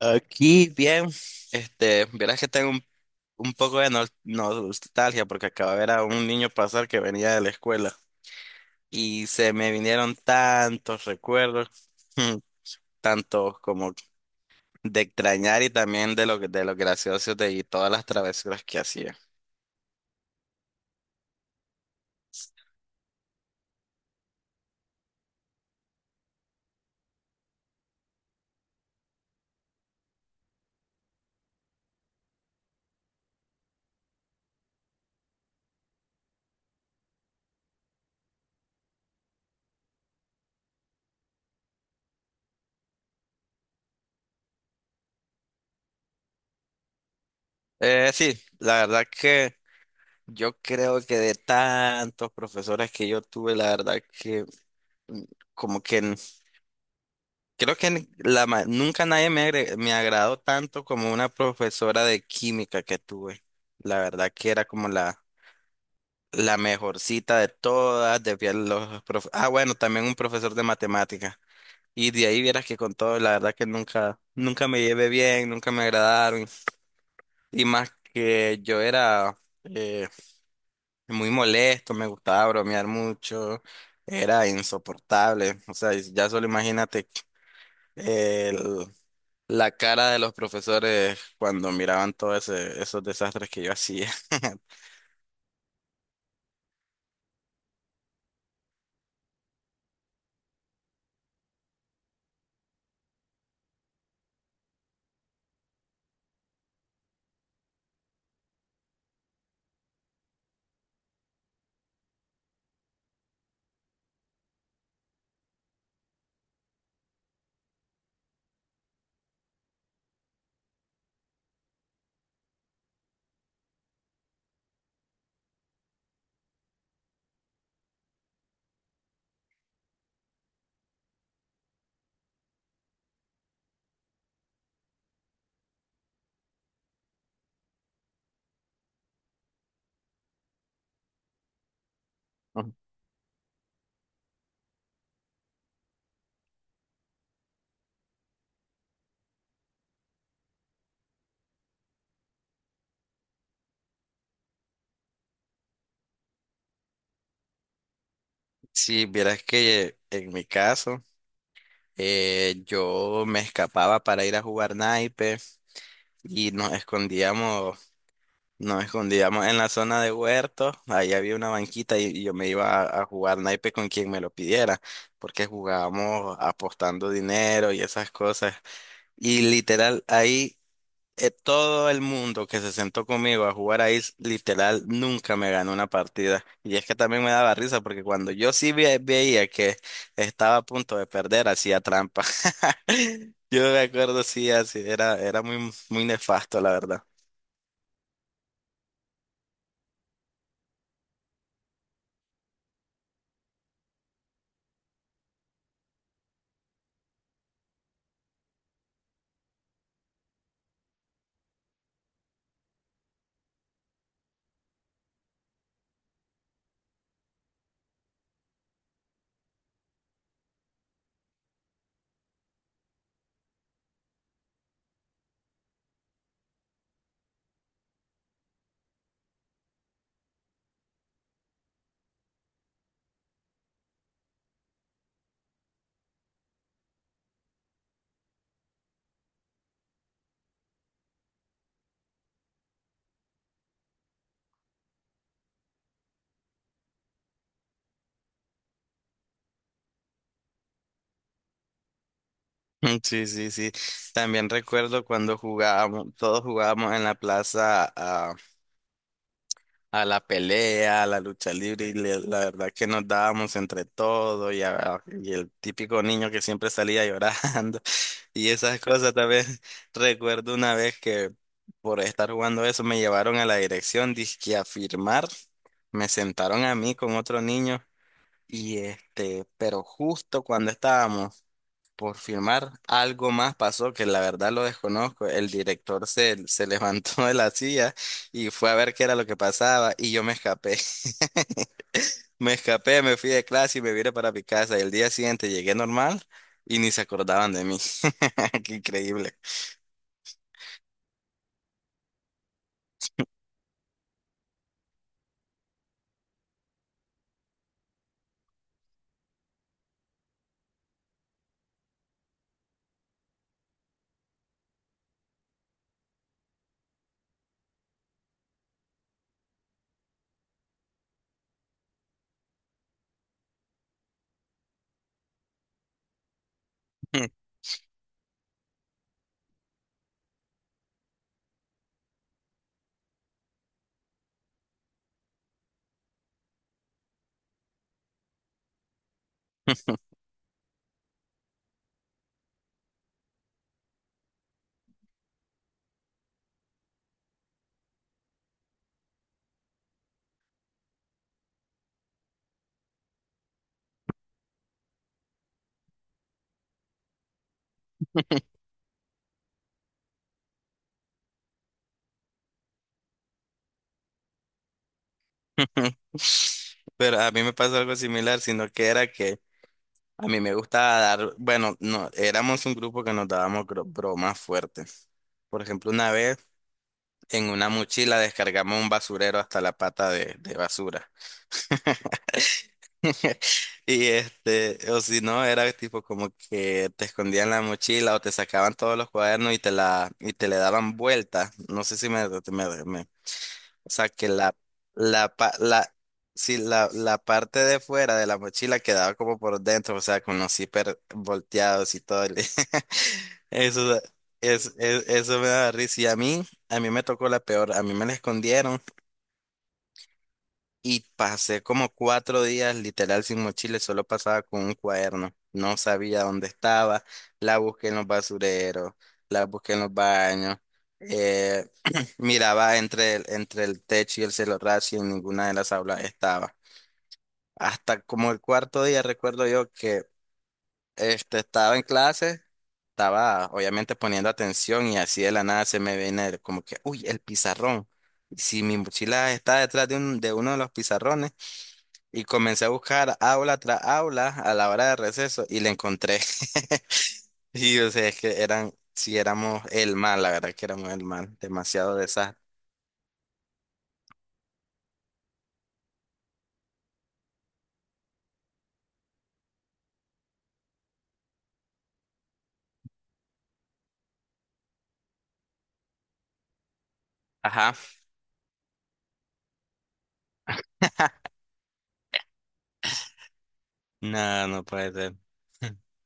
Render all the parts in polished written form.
Aquí bien, verás que tengo un poco de nostalgia porque acabo de ver a un niño pasar que venía de la escuela y se me vinieron tantos recuerdos, tantos como de extrañar y también de de los graciosos de y todas las travesuras que hacía. Sí, la verdad que yo creo que de tantos profesores que yo tuve, la verdad que mm, como que creo que nunca nadie me me agradó tanto como una profesora de química que tuve. La verdad que era como la mejorcita de todas. De bueno, también un profesor de matemática. Y de ahí vieras que con todo, la verdad que nunca, nunca me llevé bien, nunca me agradaron. Y más que yo era eh, muy molesto, me gustaba bromear mucho, era insoportable. O sea, ya solo imagínate el la cara de los profesores cuando miraban todos esos desastres que yo hacía. Ujú. Sí, vieras que en mi caso, yo me escapaba para ir a jugar naipe y nos escondíamos en la zona de huerto. Ahí había una banquita y yo me iba a jugar naipe con quien me lo pidiera, porque jugábamos apostando dinero y esas cosas. Y literal, ahí todo el mundo que se sentó conmigo a jugar ahí, literal, nunca me ganó una partida. Y es que también me daba risa porque cuando yo sí veía que estaba a punto de perder, hacía trampa. Yo me acuerdo, sí, así, era, era muy, muy nefasto, la verdad. Mm, sí, sí, sí. También recuerdo cuando jugábamos, todos jugábamos en la plaza a la pelea, a la lucha libre, y la verdad que nos dábamos entre todos y y el típico niño que siempre salía llorando. Y esas cosas también recuerdo una vez que por estar jugando eso me llevaron a la dirección, dizque a firmar, me sentaron a mí con otro niño y este, pero justo cuando estábamos por firmar, algo más pasó que la verdad lo desconozco, el director se levantó de la silla y fue a ver qué era lo que pasaba y yo me escapé. Me escapé, me fui de clase y me vine para mi casa. Y el día siguiente llegué normal y ni se acordaban de mí. Qué increíble. Pero a mí me pasó algo similar, sino que era que a mí me gustaba dar, bueno, no, éramos un grupo que nos dábamos bromas fuertes. Por ejemplo, una vez en una mochila descargamos un basurero hasta la pata de basura. Y este, o si no, era tipo como que te escondían la mochila o te sacaban todos los cuadernos y te le daban vuelta. No sé si me... O sea, que la, pa- la, sí, la parte de fuera de la mochila quedaba como por dentro, o sea, con los zíper volteados y todo. Eso, eso me daba risa. Y a mí me tocó la peor. A mí me la escondieron. Y pasé como cuatro días literal sin mochila, solo pasaba con un cuaderno. No sabía dónde estaba. La busqué en los basureros, la busqué en los baños. eh, miraba entre el techo y el celorrazo y en ninguna de las aulas estaba. Hasta como el cuarto día recuerdo yo que este, estaba en clase, estaba obviamente poniendo atención y así de la nada se me viene como que, uy, el pizarrón. Si mi mochila está detrás de uno de los pizarrones. Y comencé a buscar aula tras aula a la hora de receso y le encontré. Y o sea, es que eran, si éramos el mal, la verdad que éramos el mal, demasiado desastre. Ajá. No, no puede ser.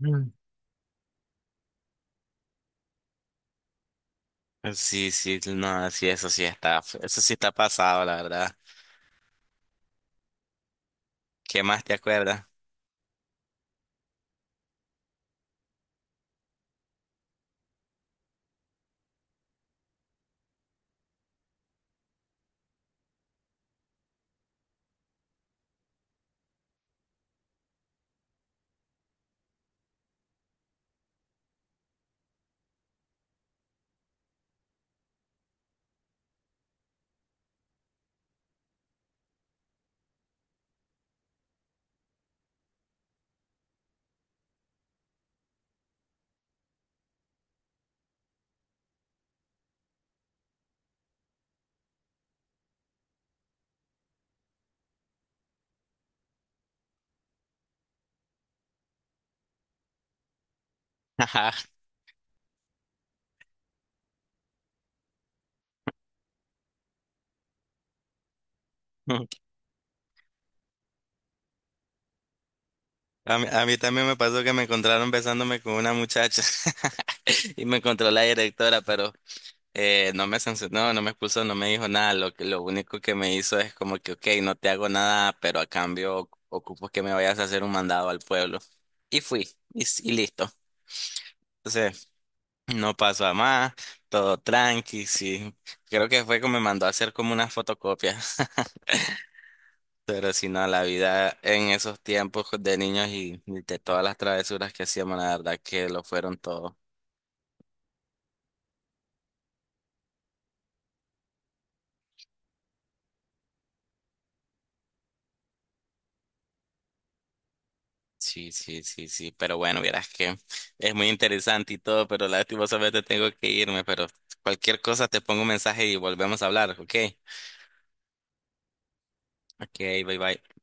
Mm, sí, sí, no, sí, eso sí está pasado, la verdad. ¿Qué más te acuerdas? Ajá. A mí también me pasó que me encontraron besándome con una muchacha y me encontró la directora, pero no me sancionó, no, no me expulsó, no me dijo nada. Lo único que me hizo es como que, ok, no te hago nada, pero a cambio ocupo que me vayas a hacer un mandado al pueblo. Y fui, y listo. Entonces, no pasó a más, todo tranqui, sí. Creo que fue como me mandó a hacer como unas fotocopias. Pero si no, la vida en esos tiempos de niños y de todas las travesuras que hacíamos, la verdad que lo fueron todo. Sí, sí, sí, sí, pero bueno, vieras que es muy interesante y todo, pero lastimosamente tengo que irme, pero cualquier cosa te pongo un mensaje y volvemos a hablar, ¿ok? Ok, bye bye.